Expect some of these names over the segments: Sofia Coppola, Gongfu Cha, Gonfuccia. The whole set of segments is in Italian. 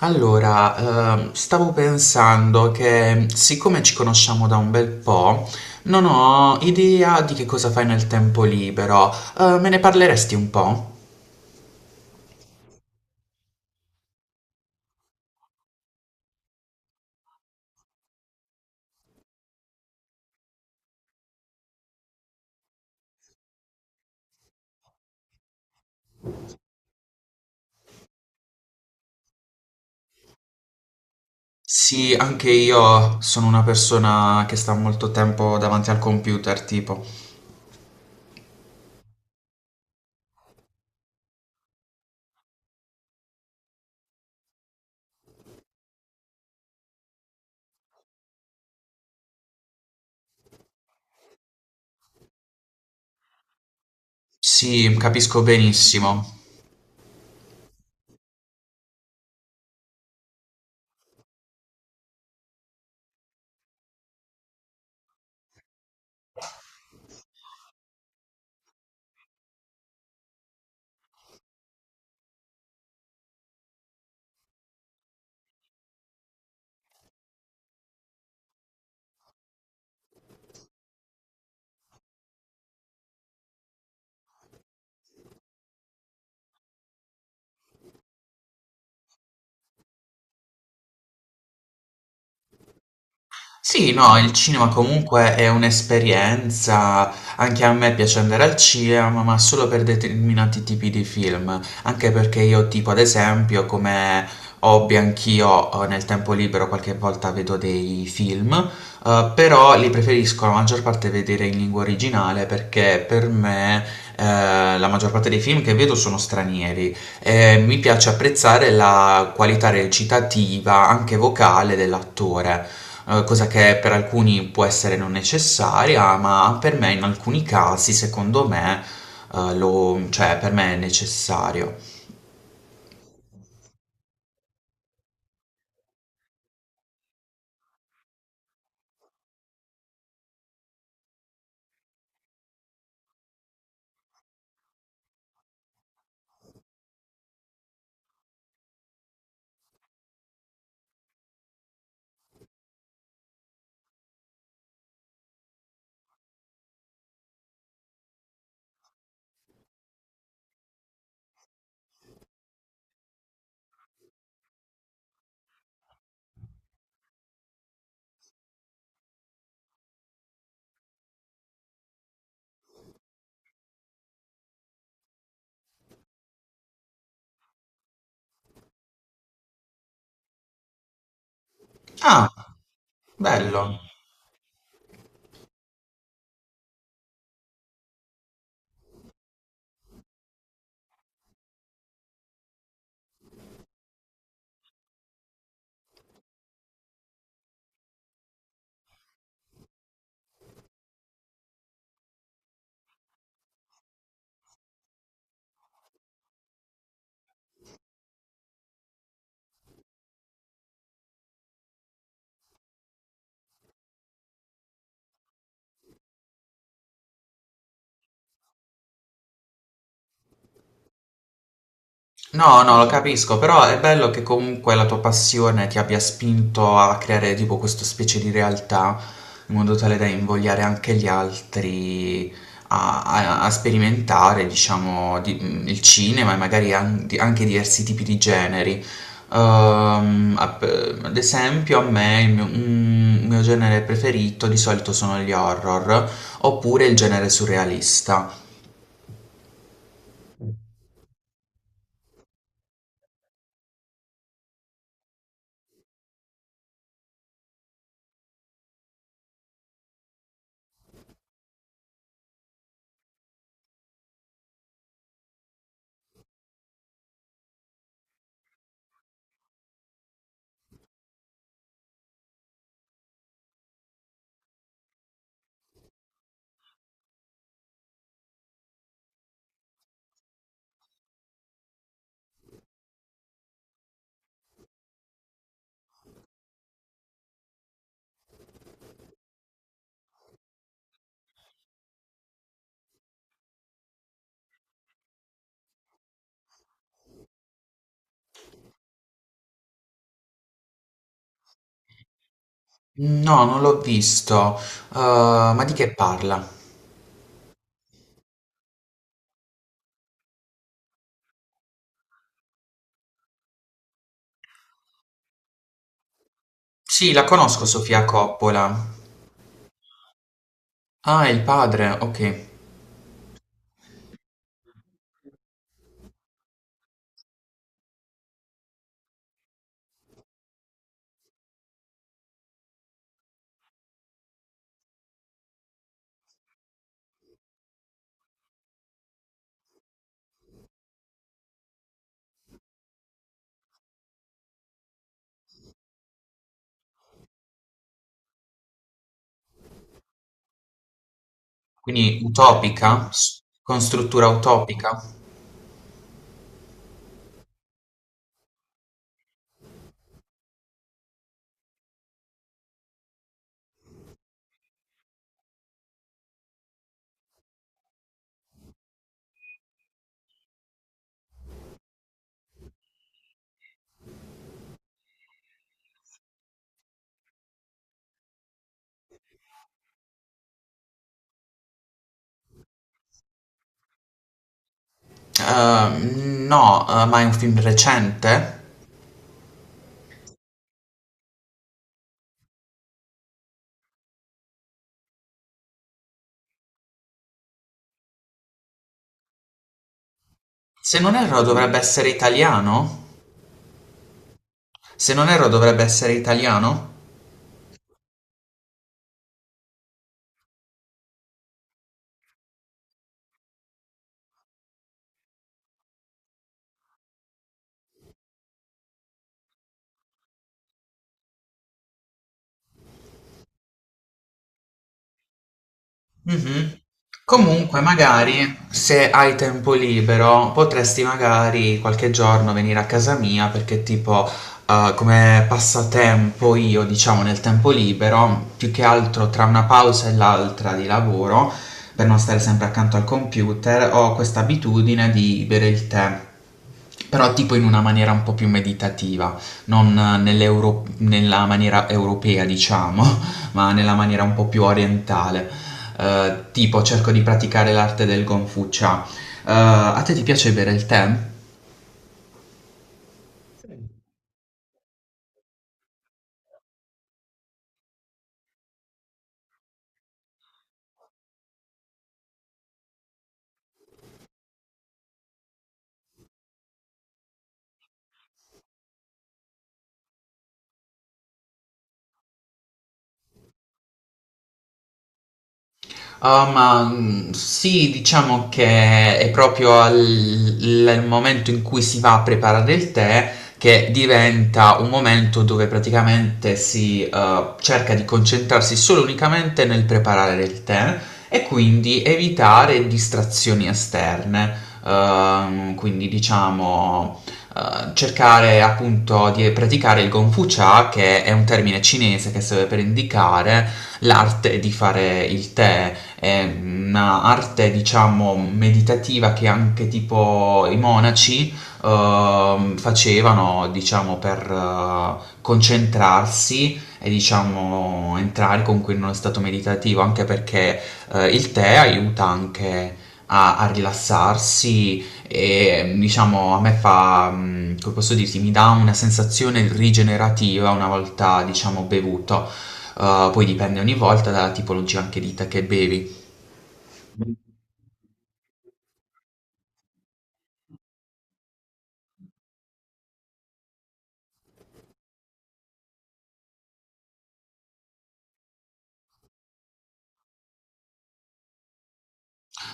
Allora, stavo pensando che, siccome ci conosciamo da un bel po', non ho idea di che cosa fai nel tempo libero. Me ne parleresti un po'? Sì, anche io sono una persona che sta molto tempo davanti al computer, tipo. Sì, capisco benissimo. Sì, no, il cinema comunque è un'esperienza, anche a me piace andare al cinema, ma solo per determinati tipi di film, anche perché io, tipo, ad esempio, come hobby anch'io, nel tempo libero qualche volta vedo dei film, però li preferisco, la maggior parte, vedere in lingua originale, perché per me eh, la maggior parte dei film che vedo sono stranieri. Mi piace apprezzare la qualità recitativa, anche vocale, dell'attore. Eh, cosa che per alcuni può essere non necessaria, ma per me, in alcuni casi, secondo me, cioè, per me è necessario. Ah, bello. No, no, lo capisco, però è bello che comunque la tua passione ti abbia spinto a creare tipo questa specie di realtà, in modo tale da invogliare anche gli altri a, a sperimentare, diciamo, il cinema e magari anche diversi tipi di generi. Ehm, app- Ad esempio, a me il mio, un mio genere preferito di solito sono gli horror, oppure il genere surrealista. No, non l'ho visto. Ma di che parla? Sì, la conosco, Sofia Coppola. Ah, è il padre, ok. Quindi utopica? S- con struttura utopica? No, ma è un film recente? Se non erro, dovrebbe essere italiano? Se non erro, dovrebbe essere italiano? Mhm. Comunque, magari se hai tempo libero, potresti magari qualche giorno venire a casa mia, perché tipo come passatempo io, diciamo, nel tempo libero, più che altro tra una pausa e l'altra di lavoro, per non stare sempre accanto al computer, ho questa abitudine di bere il tè. Però tipo in una maniera un po' più meditativa, non nella maniera europea, diciamo, ma nella maniera un po' più orientale. Tipo cerco di praticare l'arte del Gonfuccia. A te ti piace bere il tè? Ah, sì, diciamo che è proprio al il momento in cui si va a preparare il tè che diventa un momento dove praticamente si cerca di concentrarsi solo e unicamente nel preparare il tè, e quindi evitare distrazioni esterne. Quindi, diciamo, eh, cercare appunto di praticare il Gongfu Cha, che è un termine cinese che serve per indicare l'arte di fare il tè. È un'arte, diciamo, meditativa, che anche tipo i monaci facevano, diciamo, per concentrarsi e, diciamo, entrare comunque in uno stato meditativo, anche perché il tè aiuta anche a, a rilassarsi, e, diciamo, a me fa, come posso dirti, mi dà una sensazione rigenerativa una volta, diciamo, bevuto. Poi dipende ogni volta dalla tipologia anche di tè che bevi.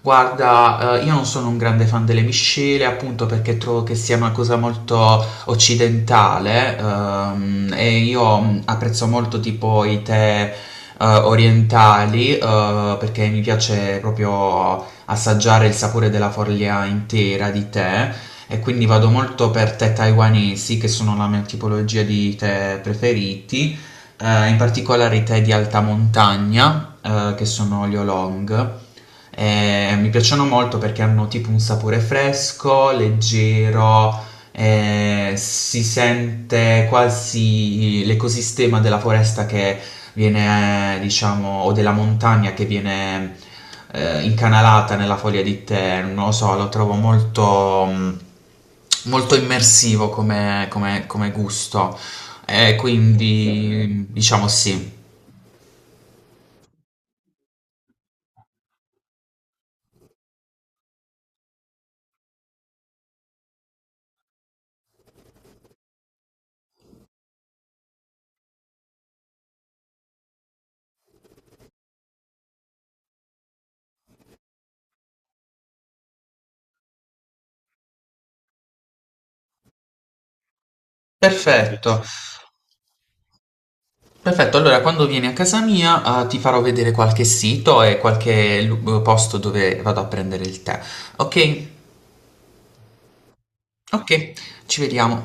Guarda, io non sono un grande fan delle miscele, appunto perché trovo che sia una cosa molto occidentale. E io apprezzo molto tipo i tè, orientali, perché mi piace proprio assaggiare il sapore della foglia intera di tè, e quindi vado molto per tè taiwanesi, che sono la mia tipologia di tè preferiti, in particolare i tè di alta montagna, che sono gli oolong. E mi piacciono molto perché hanno tipo un sapore fresco, leggero. Si sente quasi l'ecosistema della foresta che viene, diciamo, o della montagna che viene incanalata nella foglia di tè. Non lo so, lo trovo molto, molto immersivo come, come gusto. Quindi, diciamo, sì. Perfetto, perfetto. Allora, quando vieni a casa mia, ti farò vedere qualche sito e qualche posto dove vado a prendere il tè. Ok? Ok, ci vediamo.